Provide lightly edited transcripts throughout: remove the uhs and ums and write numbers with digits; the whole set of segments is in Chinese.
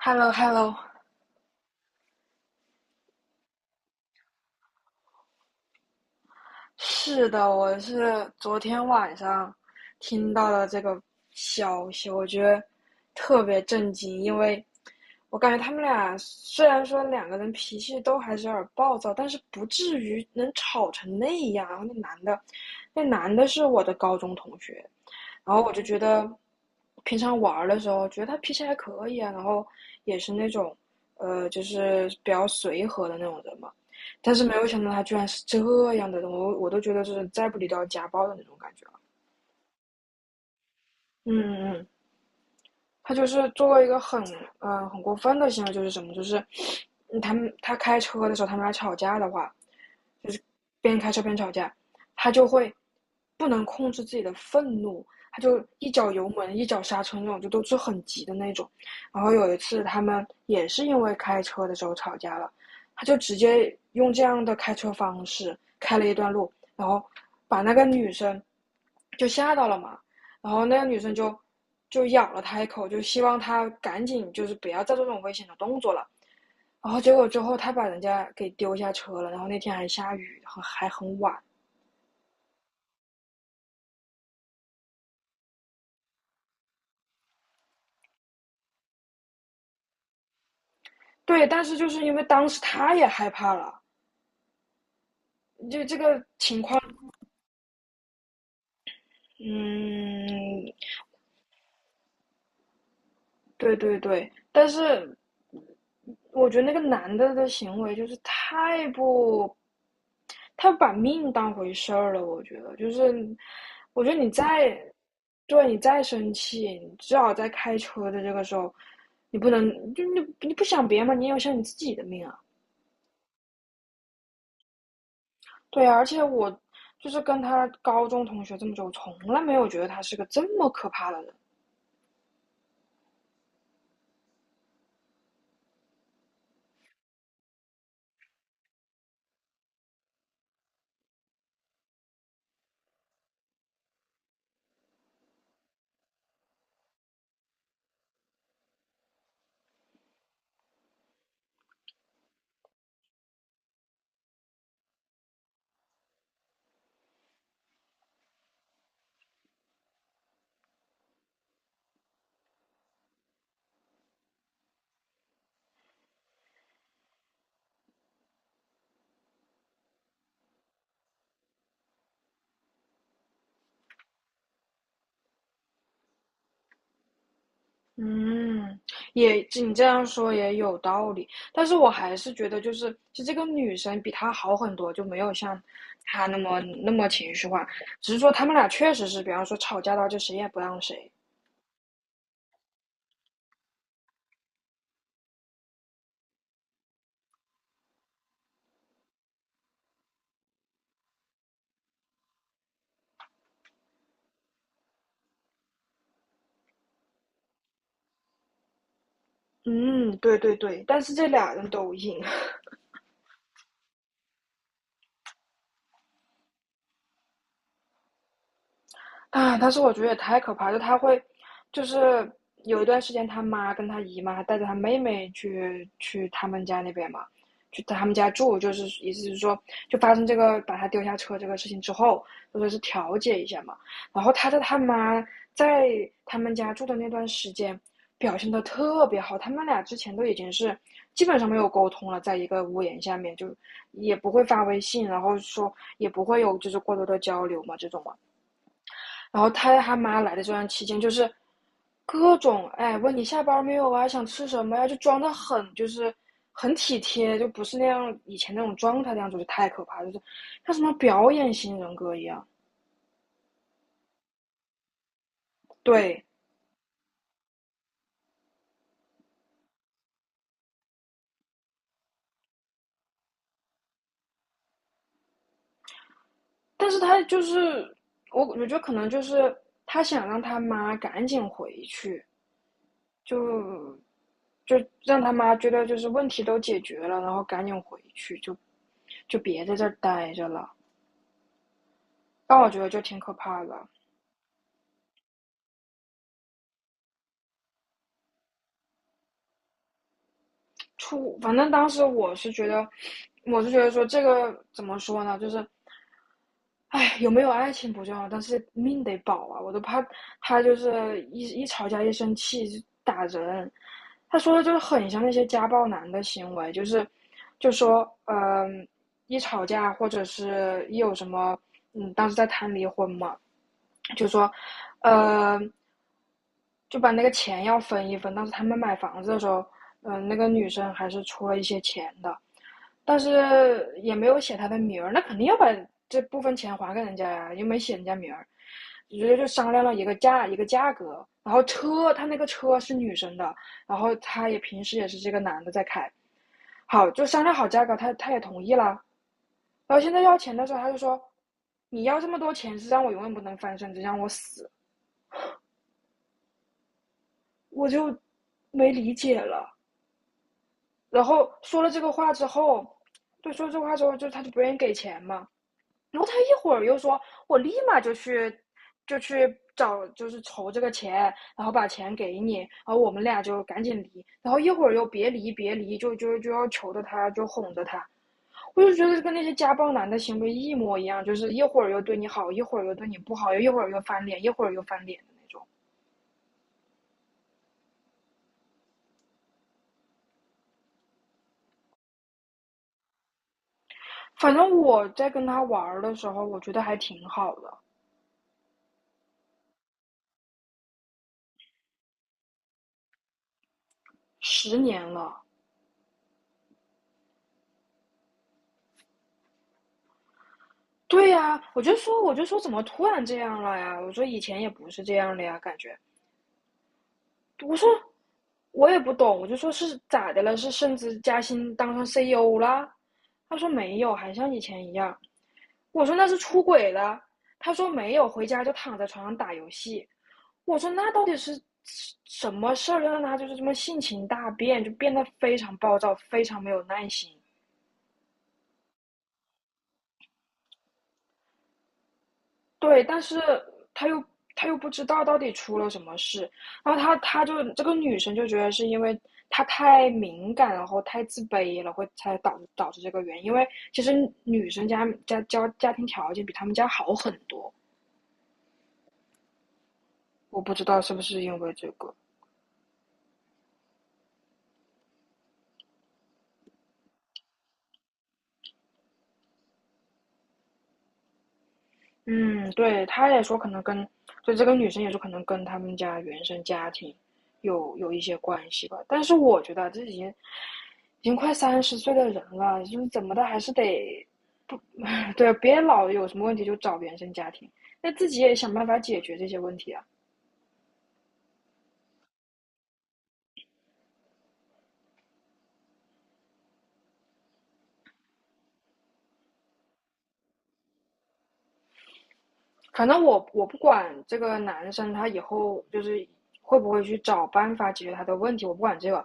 Hello Hello，是的，我是昨天晚上听到了这个消息，我觉得特别震惊，因为我感觉他们俩虽然说两个人脾气都还是有点暴躁，但是不至于能吵成那样。然后那男的，那男的是我的高中同学，然后我就觉得，平常玩儿的时候觉得他脾气还可以啊，然后也是那种，就是比较随和的那种人嘛。但是没有想到他居然是这样的人，我都觉得就是再不理都要家暴的那种感觉了。嗯嗯嗯，他就是做了一个很很过分的行为，就是什么，就是 他开车的时候他们俩吵架的话，就是边开车边吵架，他就会不能控制自己的愤怒，他就一脚油门一脚刹车那种，就都是很急的那种。然后有一次他们也是因为开车的时候吵架了，他就直接用这样的开车方式开了一段路，然后把那个女生就吓到了嘛，然后那个女生就咬了他一口，就希望他赶紧就是不要再做这种危险的动作了。然后结果之后他把人家给丢下车了，然后那天还下雨，很还很晚。对，但是就是因为当时他也害怕了，就这个情况，嗯，对对对。但是我觉得那个男的的行为就是太不，他把命当回事儿了。我觉得就是，我觉得你再，对你再生气，你至少在开车的这个时候，你不能就你不想别人嘛，你也要想你自己的命啊。对啊，而且我就是跟他高中同学这么久，我从来没有觉得他是个这么可怕的人。嗯，也你这样说也有道理，但是我还是觉得，就是其实这个女生比他好很多，就没有像他那么情绪化。只是说他们俩确实是，比方说吵架到就谁也不让谁。嗯，对对对，但是这俩人都赢。啊，但是我觉得也太可怕，了，就他会，就是有一段时间，他妈跟他姨妈带着他妹妹去他们家那边嘛，去他们家住，就是意思是说，就发生这个把他丢下车这个事情之后，就说是调解一下嘛。然后他在他妈在他们家住的那段时间，表现的特别好，他们俩之前都已经是基本上没有沟通了，在一个屋檐下面就也不会发微信，然后说也不会有就是过多的交流嘛，这种嘛。然后他妈来的这段期间，就是各种哎问你下班没有啊，想吃什么呀、啊就装的很就是很体贴，就不是那样以前那种状态那样，子，就是太可怕就是像什么表演型人格一样。对，但是他就是我，我觉得可能就是他想让他妈赶紧回去，就就让他妈觉得就是问题都解决了，然后赶紧回去，就别在这儿待着了。但我觉得就挺可怕的。出，反正当时我是觉得，我是觉得说这个怎么说呢，就是，哎，有没有爱情不重要，但是命得保啊！我都怕他就是一吵架一生气就打人。他说的就是很像那些家暴男的行为，就是就说，嗯、呃一吵架或者是一有什么，嗯，当时在谈离婚嘛，就说，呃，就把那个钱要分一分。当时他们买房子的时候，那个女生还是出了一些钱的，但是也没有写她的名儿，那肯定要把这部分钱还给人家呀，又没写人家名儿。直接就商量了一个价格，然后车他那个车是女生的，然后他也平时也是这个男的在开，好就商量好价格，他也同意了，然后现在要钱的时候他就说，你要这么多钱是让我永远不能翻身，只让我死，我就没理解了。然后说了这个话之后，对，说了这个话之后，就他就不愿意给钱嘛。然后他一会儿又说，我立马就去，就去找，就是筹这个钱，然后把钱给你，然后我们俩就赶紧离。然后一会儿又别离，别离，就要求着他，就哄着他。我就觉得跟那些家暴男的行为一模一样，就是一会儿又对你好，一会儿又对你不好，又一会儿又翻脸，一会儿又翻脸的那种。反正我在跟他玩的时候，我觉得还挺好的，十年了。对呀，我就说，我就说，怎么突然这样了呀？我说以前也不是这样的呀，感觉。我说我也不懂，我就说是咋的了？是升职加薪当上 CEO 啦？他说没有，还像以前一样。我说那是出轨了。他说没有，回家就躺在床上打游戏。我说那到底是什么事儿让他就是这么性情大变，就变得非常暴躁，非常没有耐心。对，但是他又他又不知道到底出了什么事，然后他就这个女生就觉得是因为她太敏感，然后太自卑了，会才导致这个原因。因为其实女生家庭条件比他们家好很多，我不知道是不是因为这个。嗯，对，他也说可能跟，就这个女生也说可能跟他们家原生家庭有一些关系吧。但是我觉得这已经快三十岁的人了，就是怎么的还是得不 对，别老有什么问题就找原生家庭，那自己也想办法解决这些问题啊。反正我不管这个男生他以后就是会不会去找办法解决他的问题，我不管这个。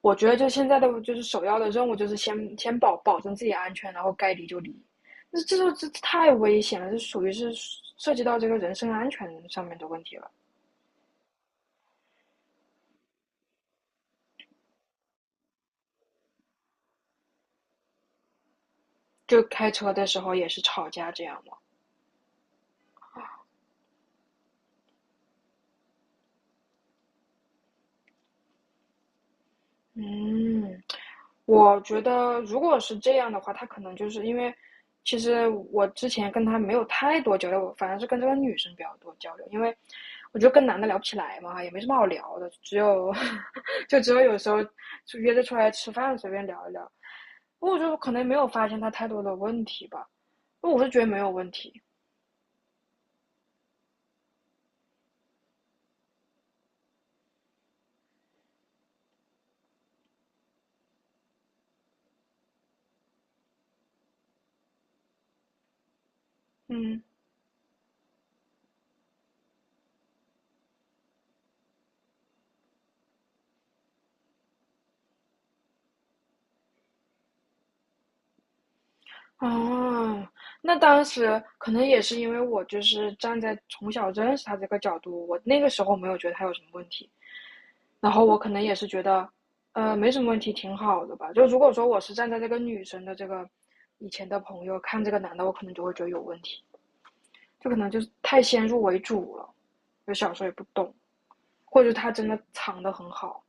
我觉得就现在的就是首要的任务就是先保证自己安全，然后该离就离。那这太危险了，这属于是涉及到这个人身安全上面的问题了。就开车的时候也是吵架这样嘛。嗯，我觉得如果是这样的话，他可能就是因为，其实我之前跟他没有太多交流，我反而是跟这个女生比较多交流，因为我觉得跟男的聊不起来嘛，也没什么好聊的，只有 就只有有时候就约着出来吃饭随便聊一聊。我就可能没有发现他太多的问题吧，我是觉得没有问题，嗯。哦，那当时可能也是因为我就是站在从小认识他这个角度，我那个时候没有觉得他有什么问题，然后我可能也是觉得，没什么问题，挺好的吧。就如果说我是站在这个女生的这个以前的朋友看这个男的，我可能就会觉得有问题，就可能就是太先入为主了，就小时候也不懂，或者他真的藏得很好，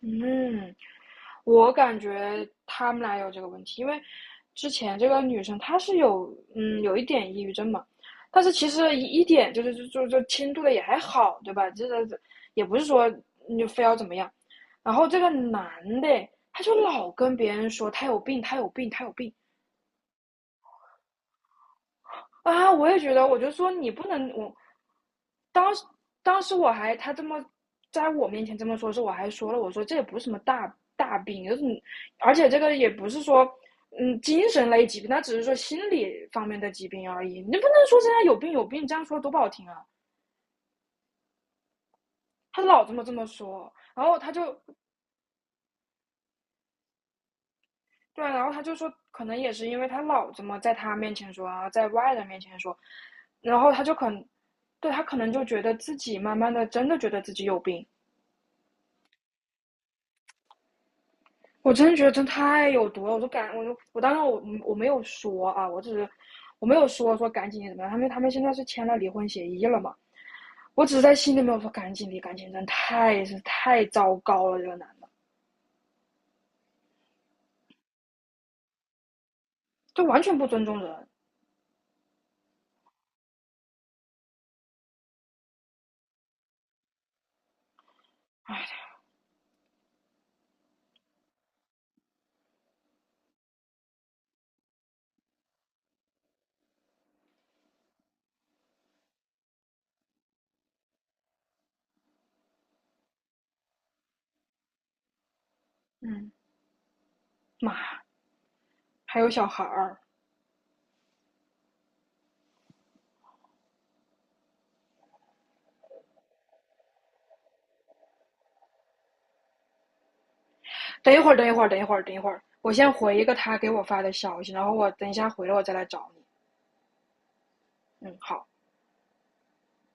嗯。我感觉他们俩有这个问题，因为之前这个女生她是有一点抑郁症嘛，但是其实一点就是就轻度的也还好，对吧？这个也不是说你非要怎么样。然后这个男的他就老跟别人说他有病，他有病，他有病，啊，我也觉得，我就说你不能，我当时当时他这么在我面前这么说时，我还说了，我说这也不是什么大病，就是你而且这个也不是说嗯精神类疾病，他只是说心理方面的疾病而已，你不能说现在有病有病，这样说多不好听啊！他老这么说，然后他就对啊，然后他就说，可能也是因为他老这么在他面前说啊，然后在外人面前说，然后他就可能对他可能就觉得自己慢慢的真的觉得自己有病。我真的觉得真太有毒了，我就感，我就我当时没有说啊，我只是我没有说说赶紧怎么样，他们现在是签了离婚协议了嘛，我只是在心里面我说赶紧离，赶紧真太是太糟糕了，这个男的就完全不尊重人，哎，嗯，妈，还有小孩儿，等一会儿，我先回一个他给我发的消息，然后我等一下回来我再来找你，嗯，好。